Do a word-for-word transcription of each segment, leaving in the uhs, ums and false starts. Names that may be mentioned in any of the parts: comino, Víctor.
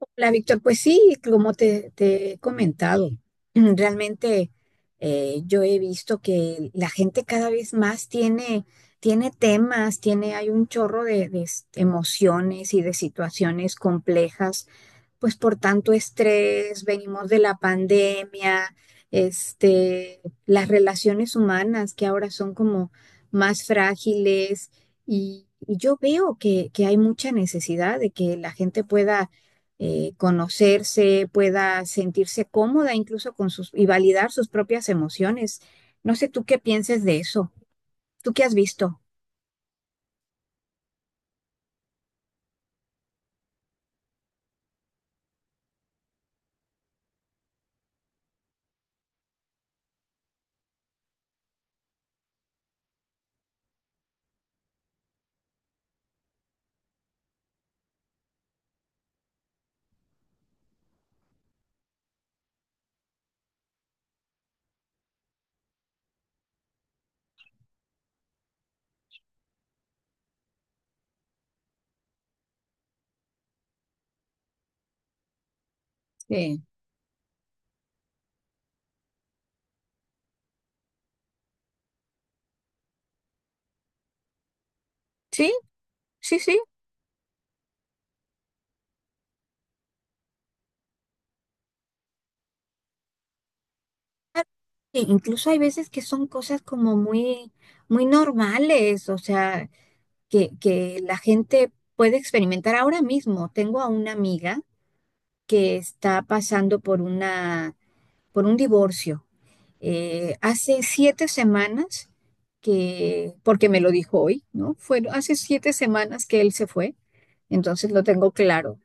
Hola, Víctor. Pues sí, como te, te he comentado, mm, realmente eh, yo he visto que la gente cada vez más tiene, tiene temas, tiene, hay un chorro de, de s- emociones y de situaciones complejas, pues por tanto estrés, venimos de la pandemia, este, las relaciones humanas que ahora son como más frágiles, y, y yo veo que, que hay mucha necesidad de que la gente pueda eh, conocerse, pueda sentirse cómoda incluso con sus y validar sus propias emociones. No sé tú qué pienses de eso. ¿Tú qué has visto? Sí, sí, sí, sí. E incluso hay veces que son cosas como muy, muy normales, o sea, que, que la gente puede experimentar ahora mismo. Tengo a una amiga que está pasando por una, por un divorcio. Eh, hace siete semanas que, porque me lo dijo hoy, ¿no? Fueron hace siete semanas que él se fue, entonces lo tengo claro.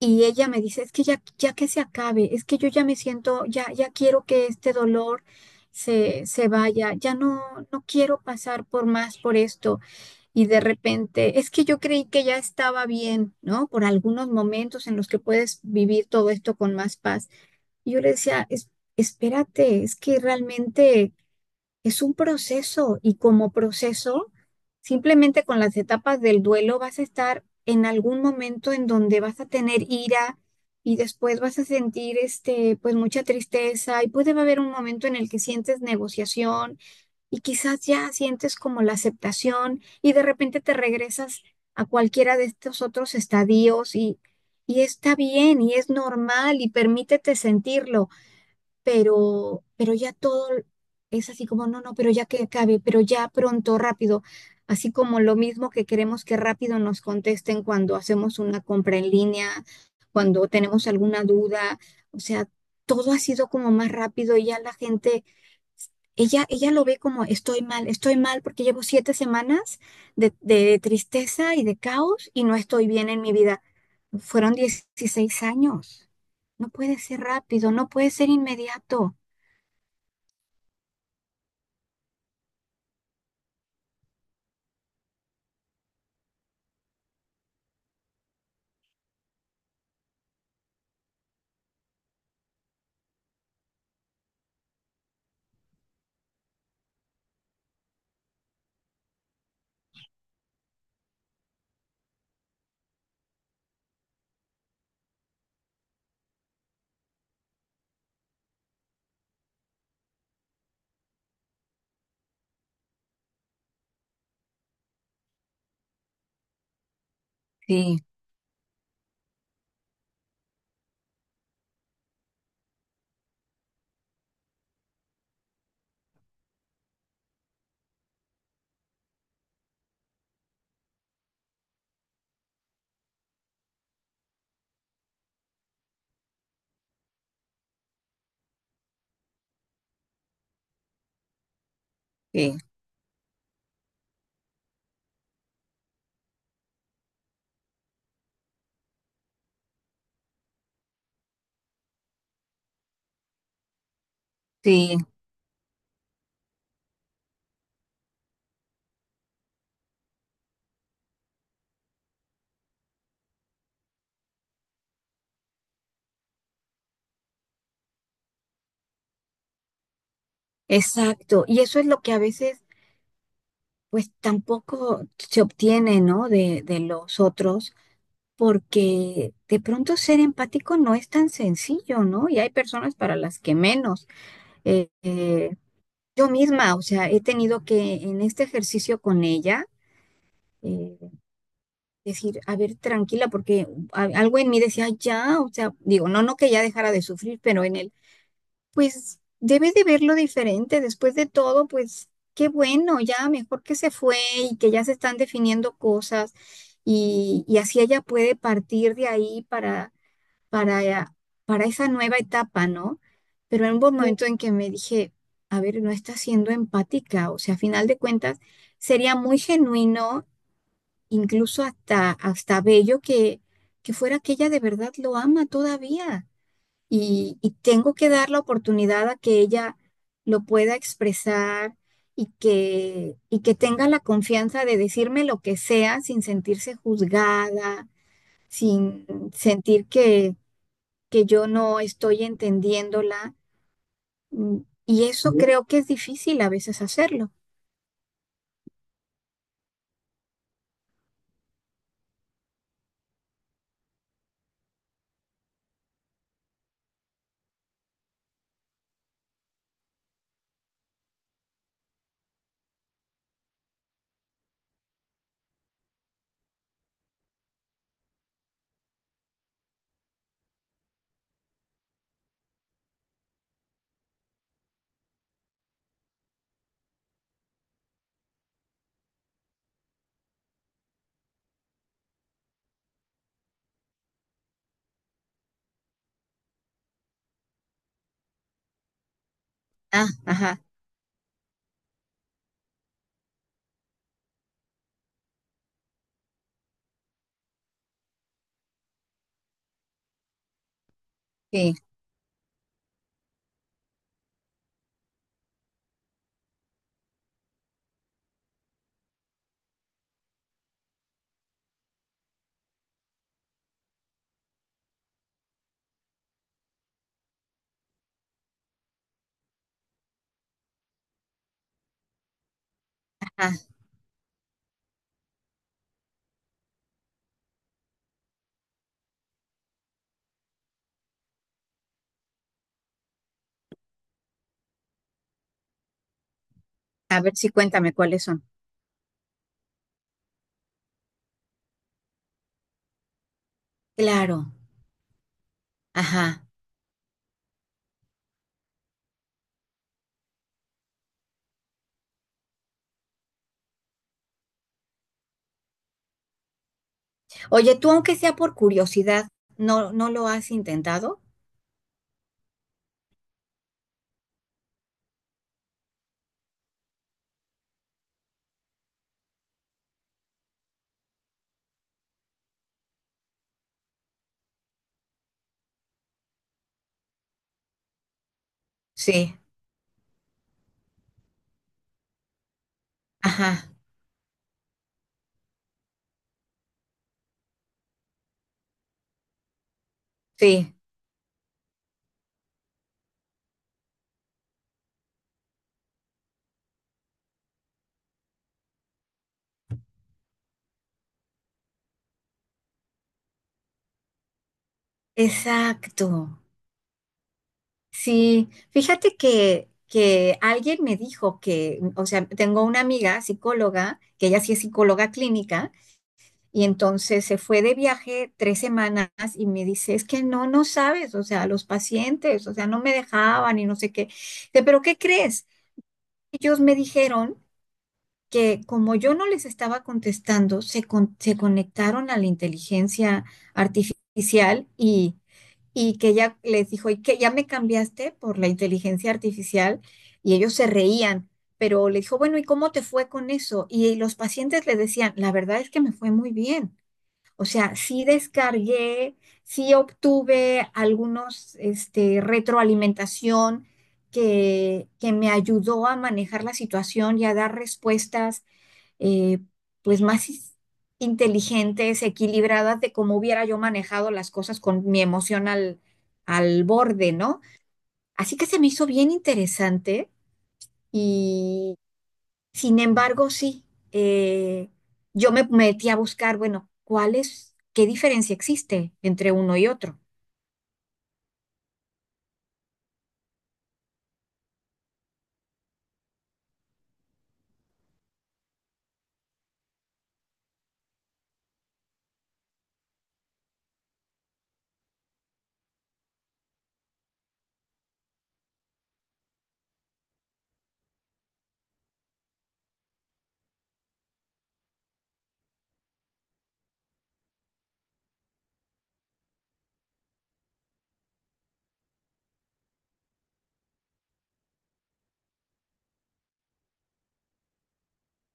Y ella me dice, es que ya, ya que se acabe, es que yo ya me siento, ya, ya quiero que este dolor se, se vaya, ya no, no quiero pasar por más por esto. Y de repente, es que yo creí que ya estaba bien, ¿no? Por algunos momentos en los que puedes vivir todo esto con más paz. Y yo le decía, "Es- espérate, es que realmente es un proceso y como proceso, simplemente con las etapas del duelo vas a estar en algún momento en donde vas a tener ira y después vas a sentir este, pues mucha tristeza y puede haber un momento en el que sientes negociación y quizás ya sientes como la aceptación y de repente te regresas a cualquiera de estos otros estadios y, y está bien y es normal y permítete sentirlo, pero, pero ya todo es así como, no, no, pero ya que acabe, pero ya pronto, rápido, así como lo mismo que queremos que rápido nos contesten cuando hacemos una compra en línea, cuando tenemos alguna duda, o sea, todo ha sido como más rápido y ya la gente... Ella, ella lo ve como estoy mal, estoy mal porque llevo siete semanas de, de tristeza y de caos y no estoy bien en mi vida. Fueron dieciséis años. No puede ser rápido, no puede ser inmediato. Sí, sí, sí, exacto. Y eso es lo que a veces, pues tampoco se obtiene, ¿no? De, de los otros, porque de pronto ser empático no es tan sencillo, ¿no? Y hay personas para las que menos. Eh, eh, yo misma, o sea, he tenido que en este ejercicio con ella, eh, decir, a ver, tranquila, porque a- algo en mí decía, "Ay, ya, o sea, digo, no, no que ya dejara de sufrir, pero en el pues debe de verlo diferente. Después de todo, pues qué bueno, ya mejor que se fue y que ya se están definiendo cosas y, y así ella puede partir de ahí para, para, para esa nueva etapa, ¿no? Pero en un, sí, momento en que me dije, a ver, no está siendo empática, o sea, a final de cuentas, sería muy genuino, incluso hasta, hasta bello que, que fuera que ella de verdad lo ama todavía, y, y tengo que dar la oportunidad a que ella lo pueda expresar y que, y que tenga la confianza de decirme lo que sea sin sentirse juzgada, sin sentir que, que yo no estoy entendiéndola. Mm. Y eso, ujú, creo que es difícil a veces hacerlo. Ah, ajá, sí, ajá. A ver, si cuéntame cuáles son. Claro. Ajá. Oye, tú aunque sea por curiosidad, ¿no, no lo has intentado? Sí, ajá, sí. Exacto. Sí, fíjate que, que alguien me dijo que, o sea, tengo una amiga psicóloga, que ella sí es psicóloga clínica, y entonces se fue de viaje tres semanas y me dice, es que no, no sabes, o sea, los pacientes, o sea, no me dejaban y no sé qué. Dice, pero ¿qué crees? Ellos me dijeron que como yo no les estaba contestando, se, con- se conectaron a la inteligencia artificial, y, y que ya les dijo, y que ya me cambiaste por la inteligencia artificial y ellos se reían, pero le dijo, bueno, ¿y cómo te fue con eso? Y los pacientes le decían, la verdad es que me fue muy bien. O sea, sí descargué, sí obtuve algunos, este, retroalimentación que, que me ayudó a manejar la situación y a dar respuestas, eh, pues más is- inteligentes, equilibradas de cómo hubiera yo manejado las cosas con mi emoción al, al borde, ¿no? Así que se me hizo bien interesante y sin embargo, sí, eh, yo me metí a buscar, bueno, ¿cuál es, qué diferencia existe entre uno y otro?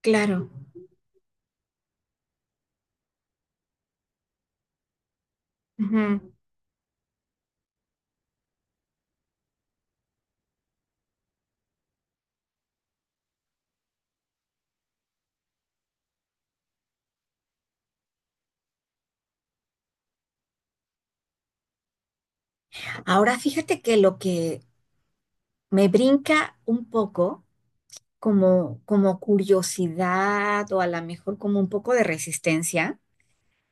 Claro. Ujú. Ahora fíjate que lo que me brinca un poco como, como, curiosidad o a lo mejor como un poco de resistencia,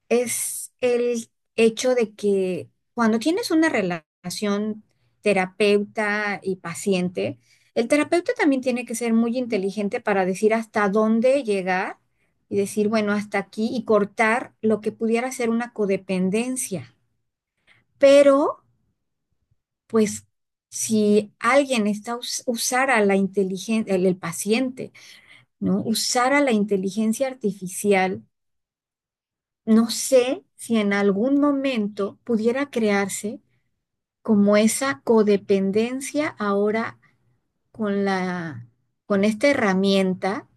es el hecho de que cuando tienes una relación terapeuta y paciente, el terapeuta también tiene que ser muy inteligente para decir hasta dónde llegar y decir, bueno, hasta aquí y cortar lo que pudiera ser una codependencia. Pero, pues, si alguien está us- usara la inteligencia, el el paciente, ¿no? Usar a la inteligencia artificial, no sé si en algún momento pudiera crearse como esa codependencia ahora con la, con esta herramienta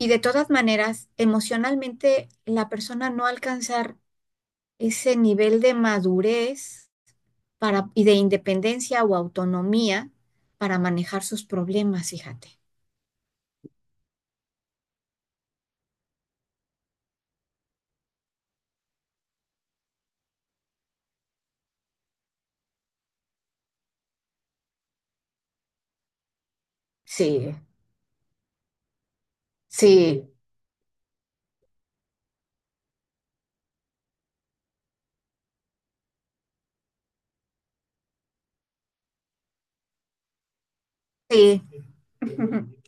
y de todas maneras, emocionalmente la persona no alcanzar ese nivel de madurez para, y de independencia o autonomía para manejar sus problemas, fíjate. Sí, sí. Sí.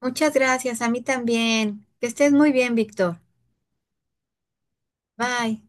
Muchas gracias, a mí también. Que estés muy bien, Víctor. Bye.